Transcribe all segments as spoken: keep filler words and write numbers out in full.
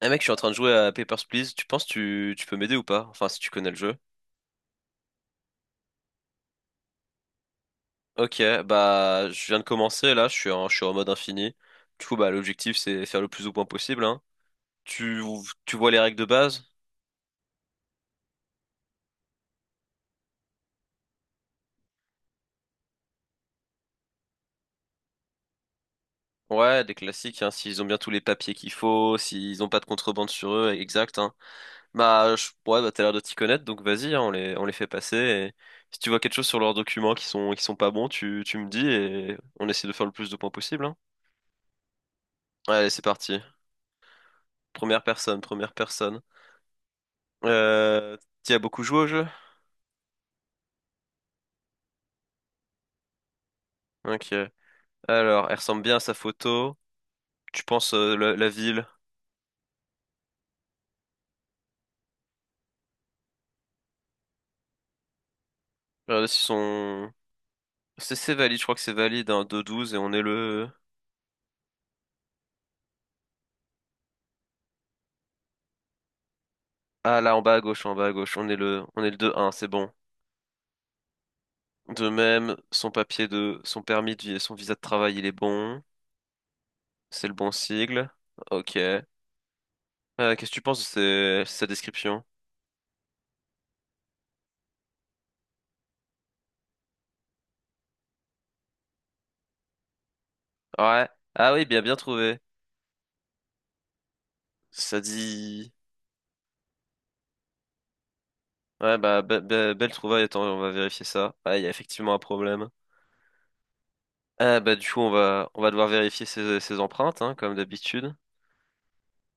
Eh mec, je suis en train de jouer à Papers, Please. Tu penses tu, tu peux m'aider ou pas? Enfin, si tu connais le jeu. Ok, bah je viens de commencer là, je suis en, je suis en mode infini. Du coup, bah l'objectif c'est faire le plus de points possible, hein. Tu, tu vois les règles de base? Ouais, des classiques, hein. S'ils ont bien tous les papiers qu'il faut, s'ils ont pas de contrebande sur eux, exact, hein. Bah, je, ouais, bah t'as l'air de t'y connaître, donc vas-y, hein, on les, on les fait passer. Et si tu vois quelque chose sur leurs documents qui sont, qui sont pas bons, tu, tu me dis et on essaie de faire le plus de points possible, hein. Allez, c'est parti. Première personne, première personne. Euh, T'y as beaucoup joué au jeu? Ok. Alors, elle ressemble bien à sa photo. Tu penses euh, la, la ville? Regardez si son... C'est c'est valide, je crois que c'est valide, hein, deux douze et on est le... Ah là, en bas à gauche, en bas à gauche, on est le, on est le deux un. C'est bon. De même, son papier de... son permis de vie, son visa de travail, il est bon. C'est le bon sigle. Ok. Euh, qu'est-ce que tu penses de ses- sa description? Ouais. Ah oui, bien, bien trouvé. Ça dit... Ouais, bah, be- be- belle trouvaille, attends, on va vérifier ça. Ouais, il y a effectivement un problème. Euh, bah, du coup, on va, on va devoir vérifier ses, ses empreintes, hein, comme d'habitude.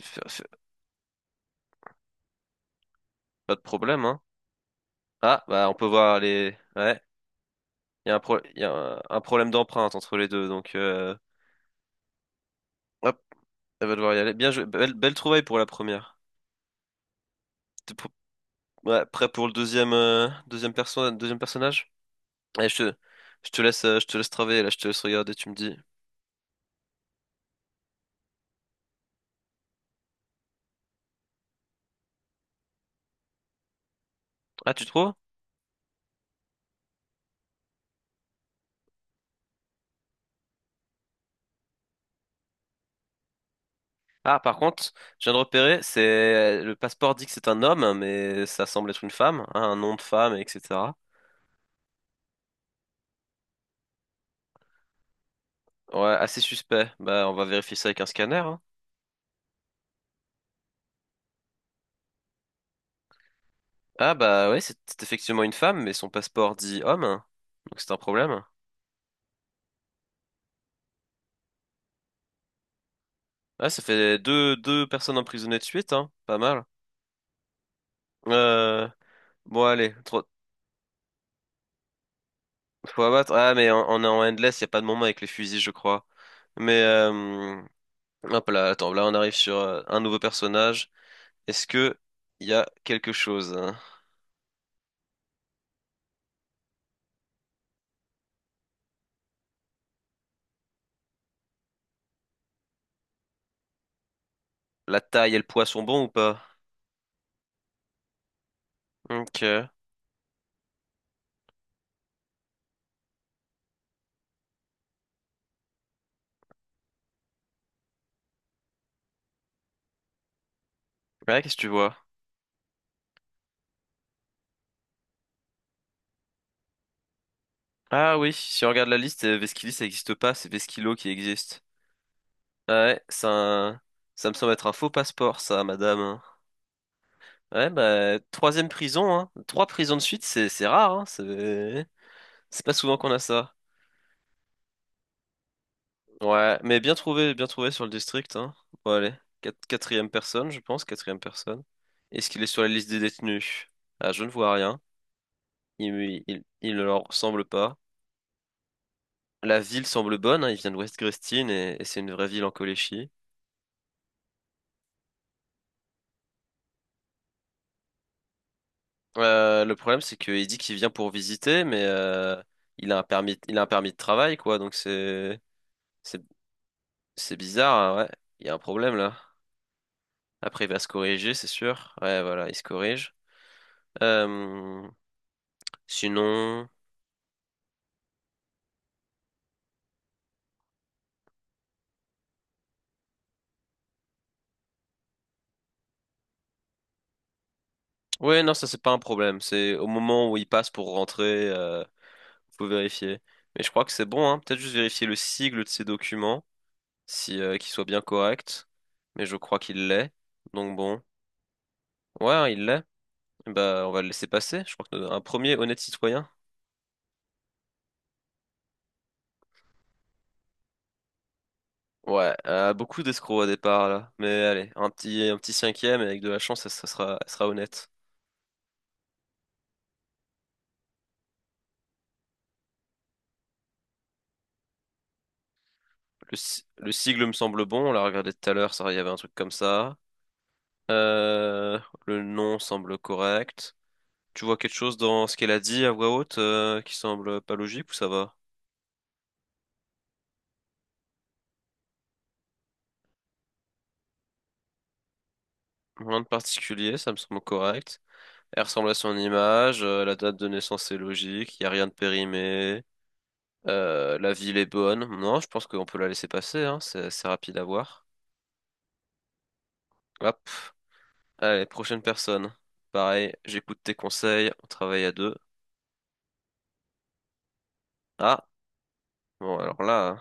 F- f- Pas de problème, hein. Ah, bah, on peut voir les. Ouais, il y a un, pro... il y a un un problème d'empreinte entre les deux, donc euh, hop, elle va devoir y aller. Bien joué, belle, belle trouvaille pour la première. T'es pr- ouais, prêt pour le deuxième, euh, deuxième perso... deuxième personnage? Allez, je te, je te laisse, euh, je te laisse travailler, là, je te laisse regarder, tu me dis. Ah, tu trouves? Ah, par contre, je viens de repérer, c'est le passeport dit que c'est un homme, mais ça semble être une femme, hein, un nom de femme, et cætera. Ouais, assez suspect. Bah, on va vérifier ça avec un scanner, hein. Ah bah ouais, c'est c'est effectivement une femme, mais son passeport dit homme, hein. Donc c'est un problème. Ah, ça fait deux, deux personnes emprisonnées de suite, hein. Pas mal. Euh... Bon, allez, trop... faut abattre. Ah, mais on, on est en endless, y a pas de moment avec les fusils, je crois. Mais euh... hop là, attends, là on arrive sur euh, un nouveau personnage. Est-ce que y a quelque chose, hein? La taille et le poids sont bons ou pas? Ok. Ouais, qu'est-ce que tu vois? Ah oui, si on regarde la liste, euh, Vesquili ça existe pas, c'est Vesquilo qui existe. Ah ouais, ça, ça me semble être un faux passeport, ça, madame, hein. Ouais, bah, troisième prison, hein. Trois prisons de suite, c'est c'est rare, hein. C'est c'est pas souvent qu'on a ça. Ouais, mais bien trouvé, bien trouvé sur le district, hein. Bon, allez, Quat- quatrième personne, je pense, quatrième personne. Est-ce qu'il est sur la liste des détenus? Ah, je ne vois rien. Il, il, il ne leur ressemble pas. La ville semble bonne, hein, il vient de West Grestine et, et c'est une vraie ville en Coléchie. Euh, le problème, c'est qu'il dit qu'il vient pour visiter, mais euh, il a un permis, il a un permis de travail, quoi. Donc c'est, c'est, c'est bizarre, hein, ouais. Il y a un problème là. Après, il va se corriger, c'est sûr. Ouais, voilà, il se corrige. Euh, sinon, ouais, non, ça c'est pas un problème. C'est au moment où il passe pour rentrer, euh, faut vérifier. Mais je crois que c'est bon, hein. Peut-être juste vérifier le sigle de ses documents, si euh, qu'il soit bien correct. Mais je crois qu'il l'est. Donc bon, ouais, hein, il l'est. Bah, on va le laisser passer. Je crois que un premier honnête citoyen. Ouais, euh, beaucoup d'escrocs au départ là. Mais allez, un petit, un petit cinquième et avec de la chance, ça, ça sera, ça sera honnête. Le, si- le sigle me semble bon. On l'a regardé tout à l'heure, ça, il y avait un truc comme ça. Euh, le nom semble correct. Tu vois quelque chose dans ce qu'elle a dit à voix haute euh, qui semble pas logique ou ça va? Rien de particulier, ça me semble correct. Elle ressemble à son image, euh, la date de naissance est logique, il n'y a rien de périmé. Euh, la ville est bonne. Non, je pense qu'on peut la laisser passer, hein. C'est c'est rapide à voir. Hop. Allez, prochaine personne. Pareil, j'écoute tes conseils, on travaille à deux. Ah, bon, alors là, hein.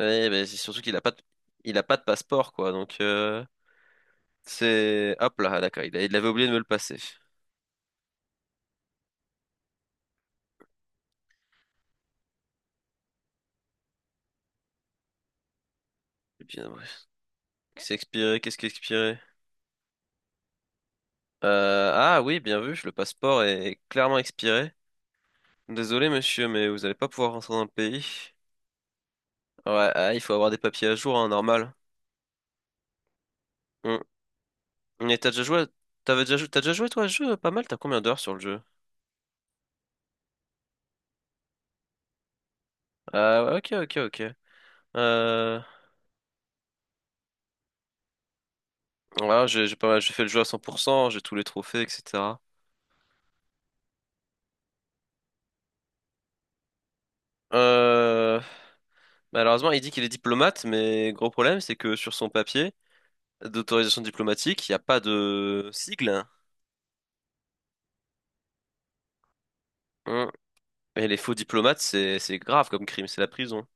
Eh ben, c'est surtout qu'il a pas de... il a pas de passeport, quoi. Donc, euh, c'est. Hop là, ah, d'accord, il a- il avait oublié de me le passer. Bien, bref. C'est expiré, qu'est-ce qui est expiré? Euh, ah oui, bien vu, le passeport est clairement expiré. Désolé, monsieur, mais vous allez pas pouvoir rentrer dans le pays. Ouais, ah, il faut avoir des papiers à jour, hein, normal. Hum. Mais t'as déjà joué, t'avais déjà joué, t'as déjà joué toi à ce jeu pas mal, t'as combien d'heures sur le jeu? Ah, ok, ok, ok. Euh, voilà, j'ai j'ai pas mal, j'ai fait le jeu à cent pour cent, j'ai tous les trophées, et cætera. Euh, malheureusement, il dit qu'il est diplomate, mais gros problème, c'est que sur son papier d'autorisation diplomatique, il n'y a pas de sigle. Hum. Et les faux diplomates, c'est c'est grave comme crime, c'est la prison.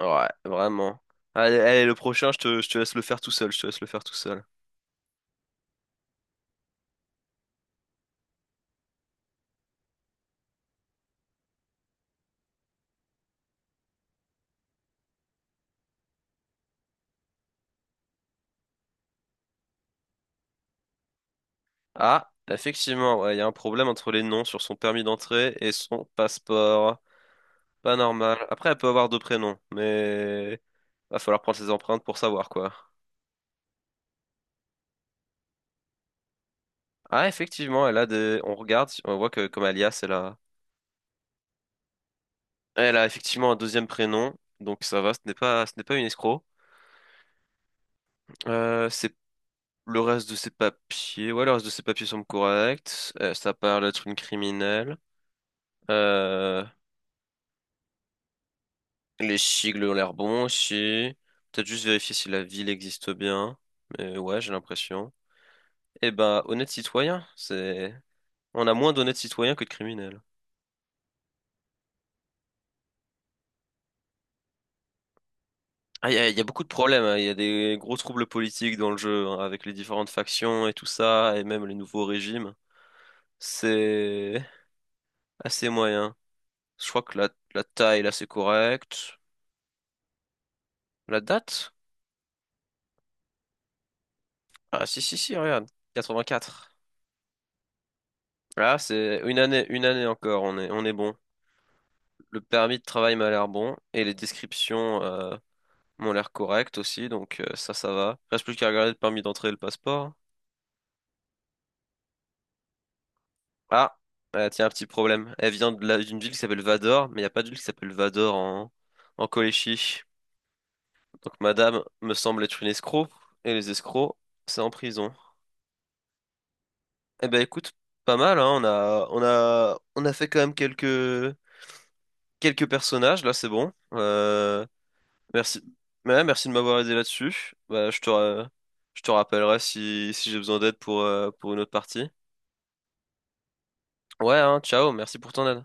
Ouais, vraiment. Allez, allez, le prochain, je te, je te laisse le faire tout seul, je te laisse le faire tout seul. Ah, effectivement, ouais, il y a un problème entre les noms sur son permis d'entrée et son passeport. Pas normal. Après, elle peut avoir deux prénoms, mais va falloir prendre ses empreintes pour savoir quoi. Ah, effectivement, elle a des. On regarde, on voit que comme alias, elle a. Elle a effectivement un deuxième prénom, donc ça va. Ce n'est pas, ce n'est pas une escroc. Euh, c'est le reste de ses papiers. Ouais, le reste de ses papiers semble correct. Euh, ça parle d'être une criminelle. Euh, Les sigles ont l'air bons aussi. Peut-être juste vérifier si la ville existe bien. Mais ouais, j'ai l'impression. Eh ben, honnête citoyen, c'est... On a moins d'honnêtes citoyens que de criminels. Ah, il y a, y a beaucoup de problèmes, hein. Il y a des gros troubles politiques dans le jeu, hein, avec les différentes factions et tout ça, et même les nouveaux régimes. C'est assez moyen. Je crois que la, la taille, là, c'est correct. La date? Ah, si, si, si, regarde. quatre-vingt-quatre. Là, c'est une année, une année encore, on est, on est bon. Le permis de travail m'a l'air bon et les descriptions euh, m'ont l'air correctes aussi, donc euh, ça, ça va. Reste plus qu'à regarder le permis d'entrée et le passeport. Ah, euh, tiens, un petit problème. Elle vient de la- d'une ville qui s'appelle Vador, mais il n'y a pas de ville qui s'appelle Vador en, en Colchie. Donc madame me semble être une escroc et les escrocs, c'est en prison. Eh ben écoute, pas mal, hein, on a, on a, on a fait quand même quelques, quelques personnages, là c'est bon. Euh, Merci. Ouais, merci de m'avoir aidé là-dessus. Bah, je te, ra- je te rappellerai si, si j'ai besoin d'aide pour, euh, pour une autre partie. Ouais, hein, ciao, merci pour ton aide.